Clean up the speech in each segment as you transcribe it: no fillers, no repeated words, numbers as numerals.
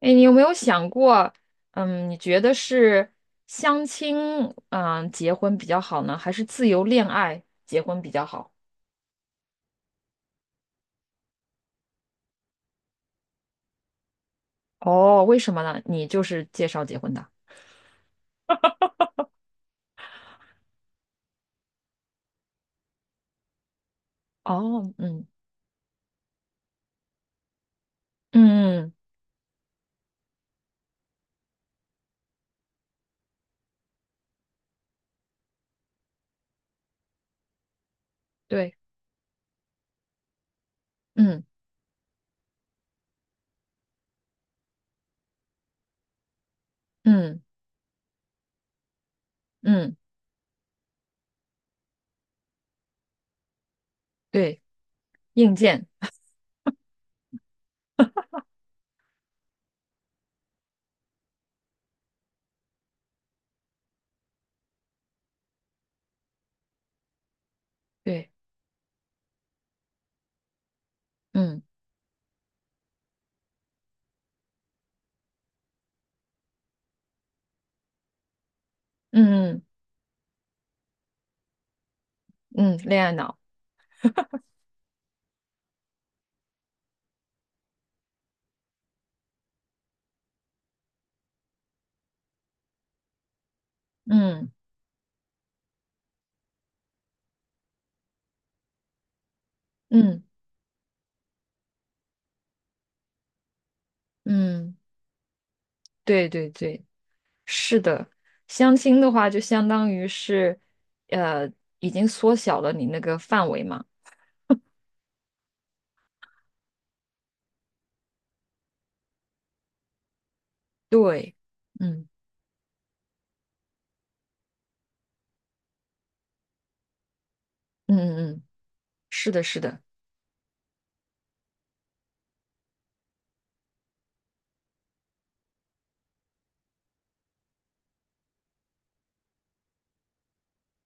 哎，你有没有想过，你觉得是相亲、结婚比较好呢，还是自由恋爱结婚比较好？哦，为什么呢？你就是介绍结婚的。哦，嗯嗯，嗯，对，嗯嗯嗯，对，硬件，对，嗯嗯嗯，恋爱脑，嗯嗯嗯，对对对，是的。相亲的话就相当于是，呃，已经缩小了你那个范围嘛。对，嗯嗯嗯嗯，是的，是的，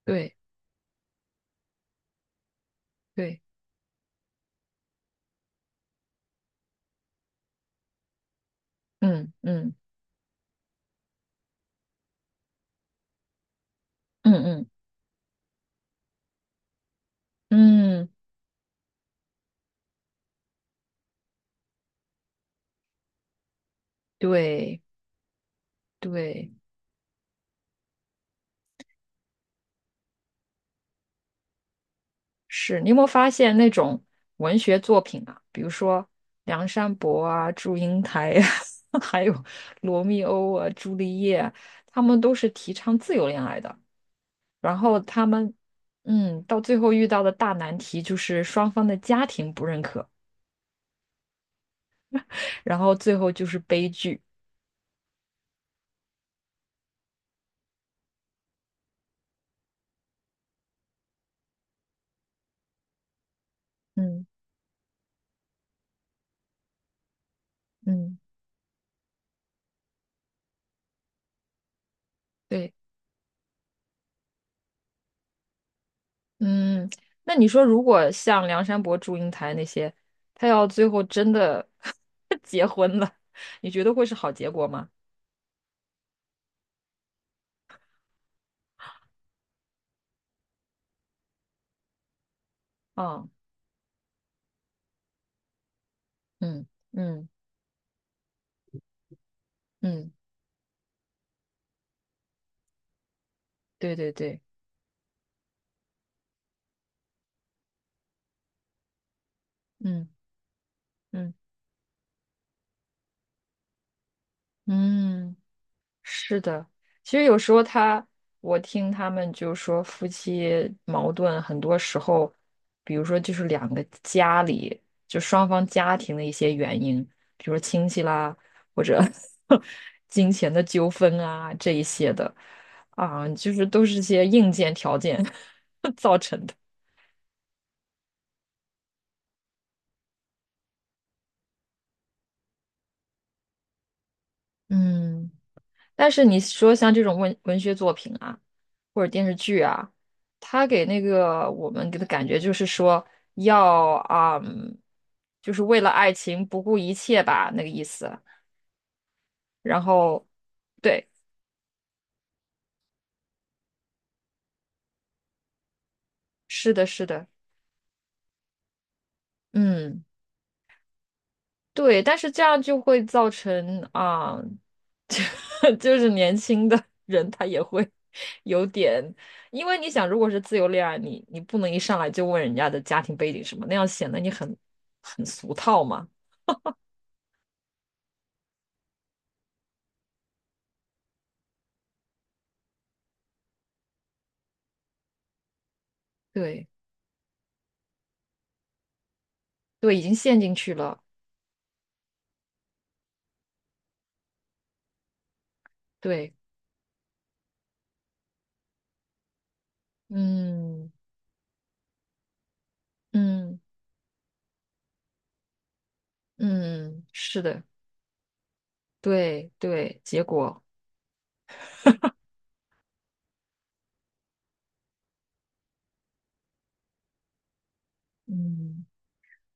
对对，嗯嗯嗯嗯嗯，对对。是你有没有发现那种文学作品啊，比如说梁山伯啊、祝英台呀、还有罗密欧啊、朱丽叶啊，他们都是提倡自由恋爱的，然后他们。嗯，到最后遇到的大难题就是双方的家庭不认可，然后最后就是悲剧。嗯嗯。对。嗯，那你说，如果像梁山伯、祝英台那些，他要最后真的 结婚了，你觉得会是好结果吗？啊、嗯嗯嗯，对对对，嗯嗯嗯。是的，其实有时候他，我听他们就说夫妻矛盾，很多时候，比如说就是两个家里，就双方家庭的一些原因，比如说亲戚啦，或者 金钱的纠纷啊这一些的，啊，就是都是些硬件条件 造成的。嗯。但是你说像这种文学作品啊，或者电视剧啊，它给那个我们给的感觉就是说要啊、嗯，就是为了爱情不顾一切吧，那个意思。然后，对，是的，是的，嗯。对，但是这样就会造成啊，就是年轻的人他也会有点，因为你想，如果是自由恋爱，你不能一上来就问人家的家庭背景什么，那样显得你很很俗套嘛。对对，已经陷进去了。对，嗯嗯嗯，是的，对对，结果嗯，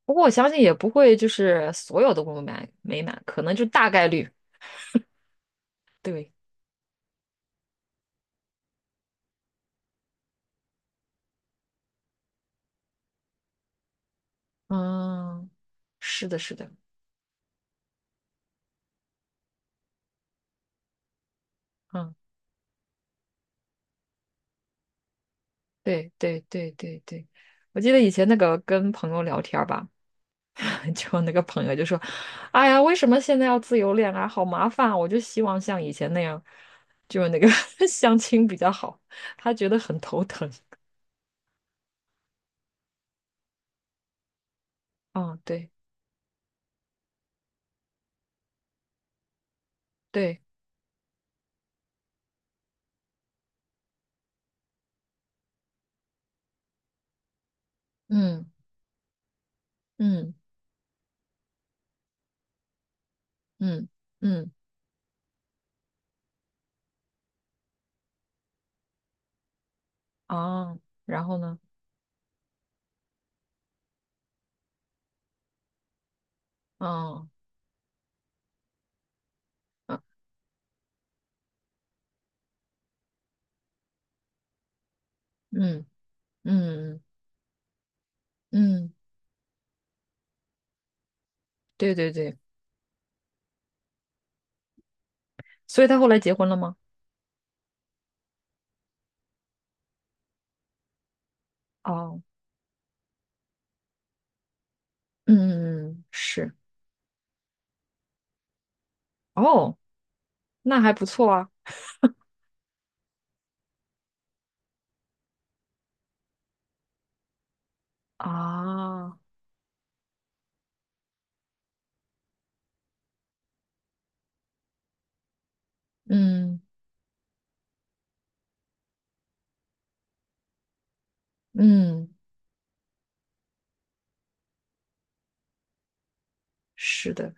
不过我相信也不会就是所有的不满美满，可能就大概率。对，嗯。是的，是的，嗯，对对对对对。我记得以前那个跟朋友聊天儿吧，就那个朋友就说：“哎呀，为什么现在要自由恋爱，好麻烦啊！我就希望像以前那样，就是那个 相亲比较好。”他觉得很头疼。嗯，对对，嗯嗯嗯嗯，啊，然后呢？嗯嗯嗯嗯嗯，对对对，所以他后来结婚了吗？哦，嗯嗯嗯，嗯是。哦，那还不错啊。啊，嗯嗯，是的，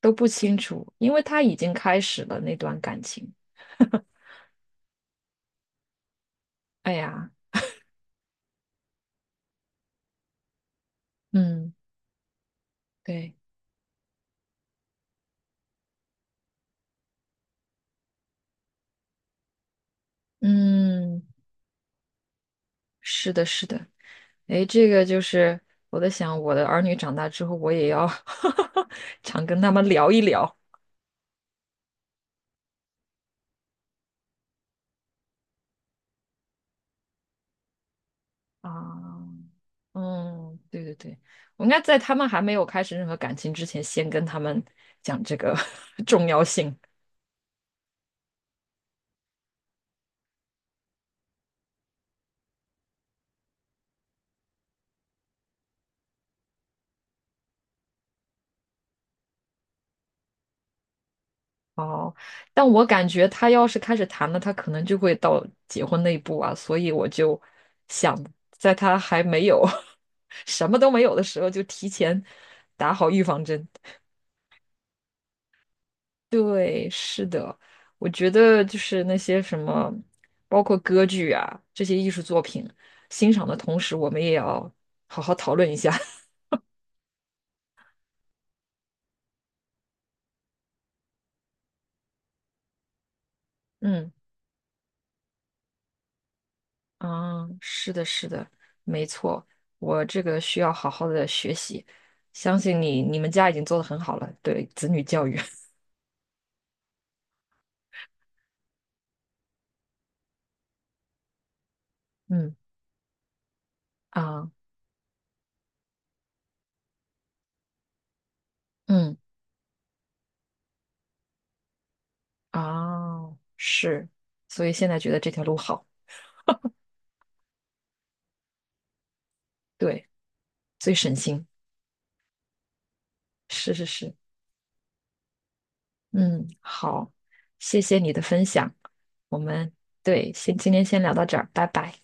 都不清楚，因为他已经开始了那段感情。哎呀，嗯，对，嗯，是的，是的。哎，这个就是我在想，我的儿女长大之后，我也要 常跟他们聊一聊啊。嗯，对对对，我应该在他们还没有开始任何感情之前，先跟他们讲这个 重要性。哦，但我感觉他要是开始谈了，他可能就会到结婚那一步啊，所以我就想，在他还没有 什么都没有的时候，就提前打好预防针。对，是的，我觉得就是那些什么，包括歌剧啊这些艺术作品，欣赏的同时，我们也要好好讨论一下。嗯。啊，是的，是的，没错，我这个需要好好的学习，相信你，你们家已经做的很好了，对子女教育，嗯啊，嗯啊，是，所以现在觉得这条路好，对，最省心，是是是，嗯，好，谢谢你的分享，我们对，先今天先聊到这儿，拜拜。